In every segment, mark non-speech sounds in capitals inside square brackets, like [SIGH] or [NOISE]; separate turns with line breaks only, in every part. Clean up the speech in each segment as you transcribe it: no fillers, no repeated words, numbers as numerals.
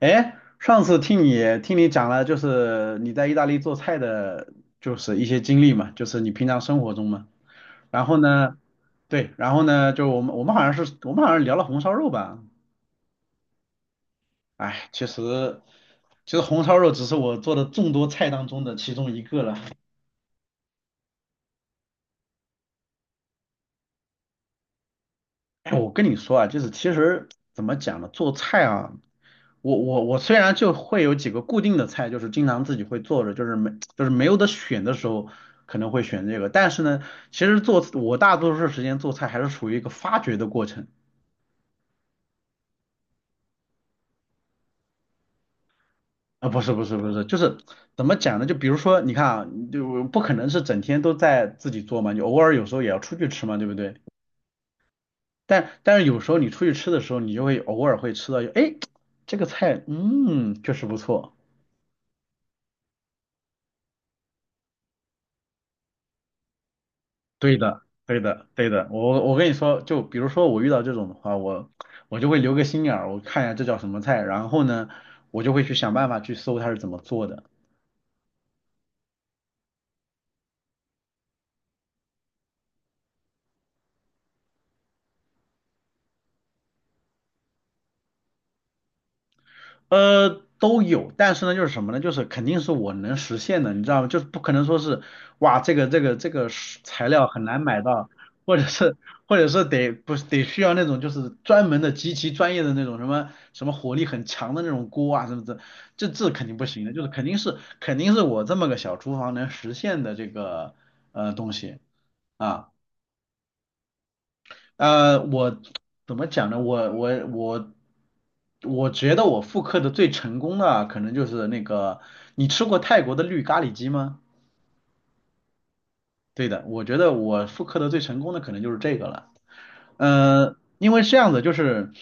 哎，上次听你讲了，就是你在意大利做菜的，就是一些经历嘛，就是你平常生活中嘛。然后呢，对，然后呢，就我们好像聊了红烧肉吧。哎，其实其实红烧肉只是我做的众多菜当中的其中一个了。哎，我跟你说啊，就是其实怎么讲呢，做菜啊。我虽然就会有几个固定的菜，就是经常自己会做着，就是没有得选的时候可能会选这个，但是呢，其实做我大多数时间做菜还是属于一个发掘的过程啊，不是，就是怎么讲呢？就比如说你看啊，就不可能是整天都在自己做嘛，你偶尔有时候也要出去吃嘛，对不对？但是有时候你出去吃的时候，你就会偶尔会吃到，哎，这个菜确实不错。对的，对的，对的。我跟你说，就比如说我遇到这种的话，我就会留个心眼儿，我看一下这叫什么菜，然后呢，我就会去想办法去搜它是怎么做的。呃，都有，但是呢，就是什么呢？就是肯定是我能实现的，你知道吗？就是不可能说是，哇，这个是材料很难买到，或者是或者是得不是得需要那种就是专门的极其专业的那种什么什么火力很强的那种锅啊什么的，这肯定不行的，就是肯定是我这么个小厨房能实现的这个东西啊。我怎么讲呢？我我觉得我复刻的最成功的可能就是那个，你吃过泰国的绿咖喱鸡吗？对的，我觉得我复刻的最成功的可能就是这个了。因为这样子，就是，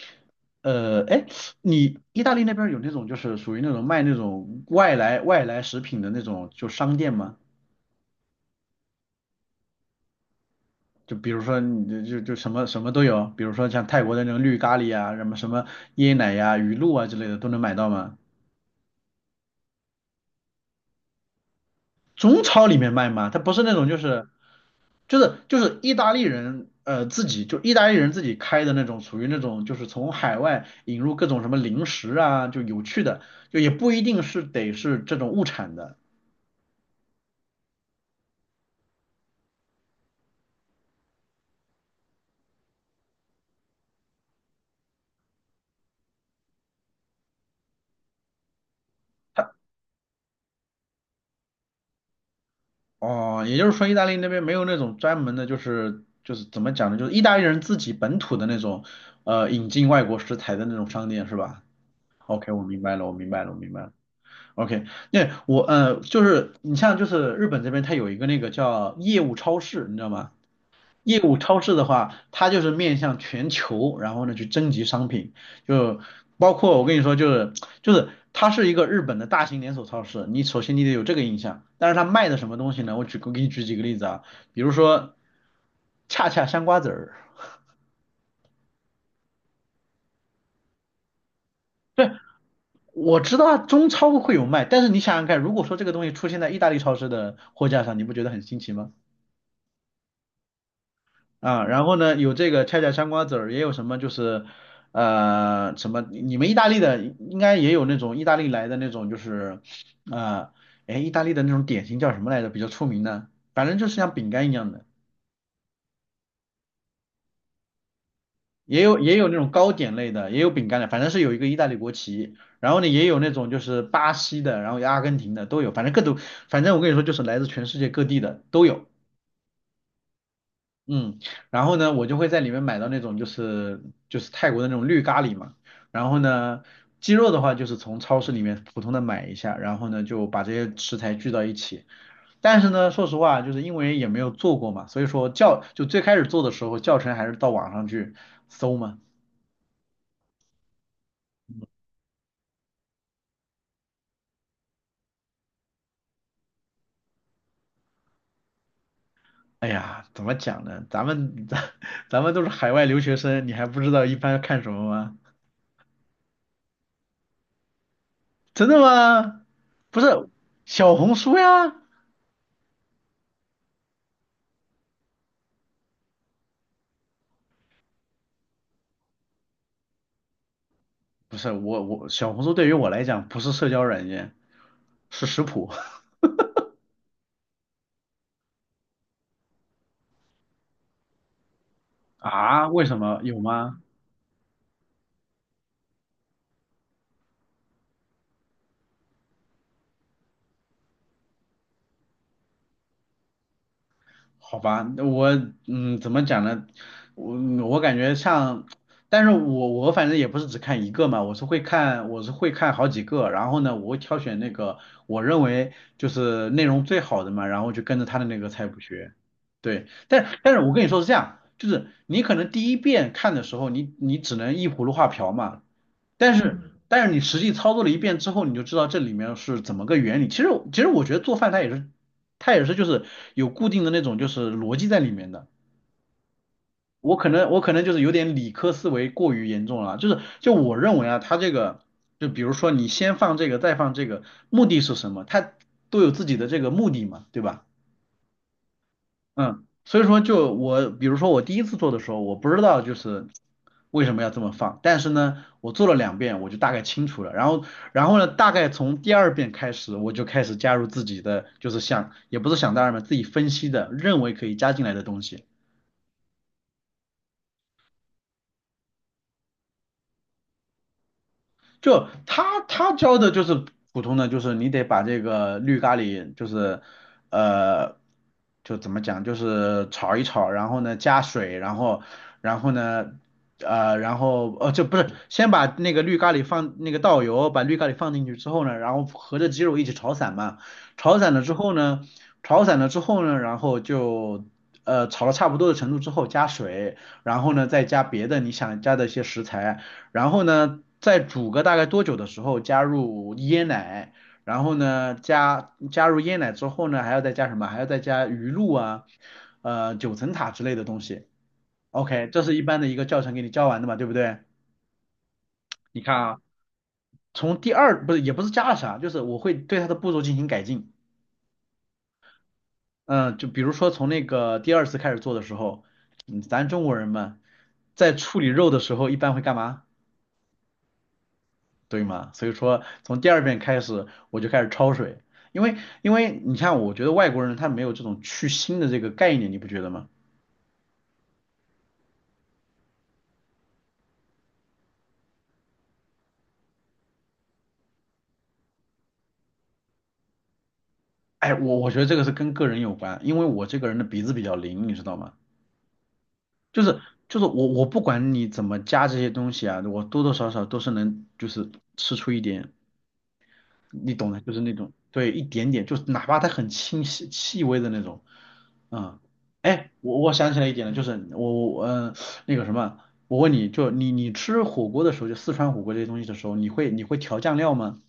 哎，你意大利那边有那种就是属于那种卖那种外来食品的那种就商店吗？就比如说你就就就什么什么都有，比如说像泰国的那种绿咖喱啊，什么什么椰奶呀、鱼露啊之类的都能买到吗？中超里面卖吗？它不是那种就是意大利人自己就意大利人自己开的那种，属于那种就是从海外引入各种什么零食啊，就有趣的，就也不一定是得是这种物产的哦。也就是说，意大利那边没有那种专门的，就是怎么讲呢，就是意大利人自己本土的那种引进外国食材的那种商店是吧？OK，我明白了，我明白了，我明白了。OK，那我就是你像就是日本这边，它有一个那个叫业务超市，你知道吗？业务超市的话，它就是面向全球，然后呢去征集商品，就包括我跟你说，就是它是一个日本的大型连锁超市，你首先你得有这个印象。但是它卖的什么东西呢？我给你举几个例子啊，比如说恰恰香瓜子儿。我知道中超会有卖，但是你想想看，如果说这个东西出现在意大利超市的货架上，你不觉得很新奇吗？啊，然后呢，有这个恰恰香瓜子儿，也有什么就是，呃，什么你们意大利的应该也有那种意大利来的那种就是，呃，哎，意大利的那种点心叫什么来着？比较出名的，反正就是像饼干一样的。也有那种糕点类的，也有饼干的，反正是有一个意大利国旗，然后呢也有那种就是巴西的，然后有阿根廷的都有，反正各种，反正我跟你说就是来自全世界各地的都有，嗯，然后呢我就会在里面买到那种就是泰国的那种绿咖喱嘛，然后呢鸡肉的话就是从超市里面普通的买一下，然后呢就把这些食材聚到一起，但是呢说实话就是因为也没有做过嘛，所以说最开始做的时候教程还是到网上去搜嘛。哎呀，怎么讲呢？咱们 [LAUGHS] 咱们都是海外留学生，你还不知道一般看什么吗？真的吗？不是小红书呀，不是我小红书对于我来讲不是社交软件，是食谱 [LAUGHS] 啊？为什么有吗？好吧，那我嗯，怎么讲呢？我我感觉像，但是我反正也不是只看一个嘛，我是会看好几个，然后呢，我会挑选那个我认为就是内容最好的嘛，然后就跟着他的那个菜谱学。对，但是我跟你说是这样，就是你可能第一遍看的时候，你只能依葫芦画瓢嘛，但是但是你实际操作了一遍之后，你就知道这里面是怎么个原理。其实其实我觉得做饭它也是就是有固定的那种就是逻辑在里面的。我可能就是有点理科思维过于严重了啊就是就我认为啊，它这个就比如说你先放这个再放这个，目的是什么？它都有自己的这个目的嘛，对吧？嗯，所以说就我，比如说我第一次做的时候，我不知道就是为什么要这么放，但是呢，我做了两遍，我就大概清楚了。然后，然后呢，大概从第二遍开始，我就开始加入自己的，就是想，也不是想当然嘛，自己分析的，认为可以加进来的东西。就他教的就是普通的，就是你得把这个绿咖喱，就是呃，就怎么讲，就是炒一炒，然后呢加水，然后然后呢呃，然后呃，就不是先把那个绿咖喱放那个倒油，把绿咖喱放进去之后呢，然后和着鸡肉一起炒散嘛，炒散了之后呢，炒散了之后呢，然后就。呃，炒到差不多的程度之后加水，然后呢再加别的你想加的一些食材，然后呢，再煮个大概多久的时候加入椰奶，然后呢加入椰奶之后呢，还要再加什么？还要再加鱼露啊，呃九层塔之类的东西。OK，这是一般的一个教程给你教完的嘛，对不对？你看啊，从第二不是也不是加了啥，就是我会对它的步骤进行改进。嗯，就比如说从那个第二次开始做的时候，嗯咱中国人嘛，在处理肉的时候一般会干嘛？对吗？所以说从第二遍开始我就开始焯水，因为因为你看，我觉得外国人他没有这种去腥的这个概念，你不觉得吗？哎，我觉得这个是跟个人有关，因为我这个人的鼻子比较灵，你知道吗？就是就是我不管你怎么加这些东西啊，我多多少少都是能就是吃出一点你懂的，就是那种，对，一点点，就是哪怕它很清晰、细微的那种，嗯，哎，我想起来一点了，就是我那个什么，我问你就你吃火锅的时候，就四川火锅这些东西的时候，你会调酱料吗？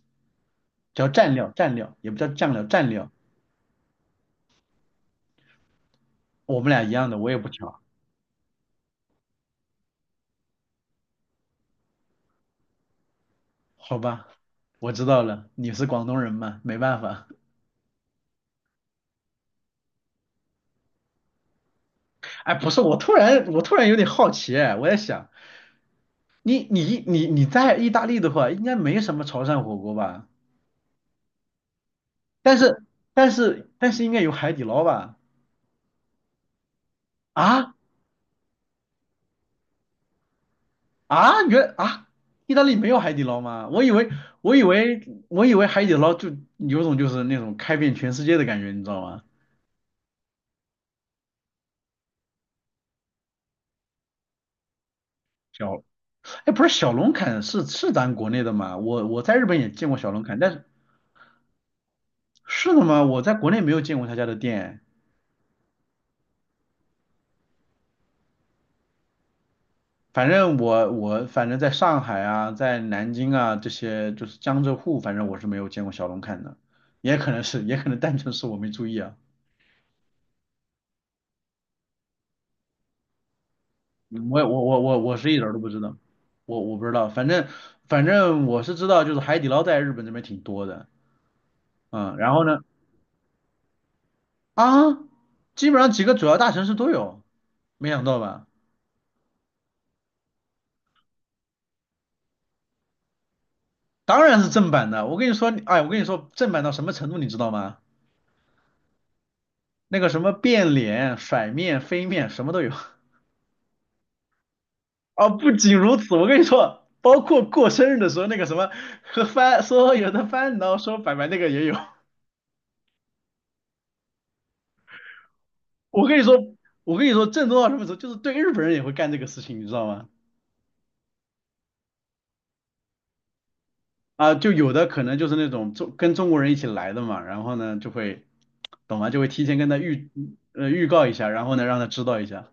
调蘸料，蘸料也不叫酱料，蘸料，我们俩一样的，我也不调，好吧，我知道了，你是广东人嘛，没办法。哎，不是，我突然有点好奇，哎，我在想，你在意大利的话，应该没什么潮汕火锅吧？但是但是应该有海底捞吧？啊啊，原啊，意大利没有海底捞吗？我以为我以为海底捞就有种就是那种开遍全世界的感觉，你知道吗？小，哎，不是小龙坎是咱国内的嘛？我在日本也见过小龙坎，但是是的吗？我在国内没有见过他家的店。反正我在上海啊，在南京啊这些就是江浙沪，反正我是没有见过小龙坎的，也可能是也可能单纯是我没注意啊。嗯我也我我我我是一点儿都不知道，我不知道，反正我是知道，就是海底捞在日本这边挺多的，嗯，然后呢，啊，基本上几个主要大城市都有，没想到吧？当然是正版的，我跟你说，哎，我跟你说，正版到什么程度，你知道吗？那个什么变脸、甩面、飞面，什么都有。啊，不仅如此，我跟你说，包括过生日的时候，那个什么和翻说有的翻，然后说拜拜那个也有。我跟你说，我跟你说，正宗到什么时候，就是对日本人也会干这个事情，你知道吗？啊，就有的可能就是那种中跟中国人一起来的嘛，然后呢就会，懂吗？就会提前跟他预呃预告一下，然后呢让他知道一下，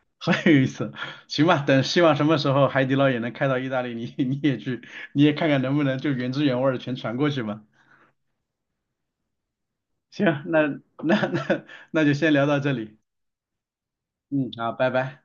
[LAUGHS] 很有意思。行吧，等希望什么时候海底捞也能开到意大利，你也去，你也看看能不能就原汁原味儿的全传过去吧。行，那 [LAUGHS] 那就先聊到这里，嗯，好，拜拜。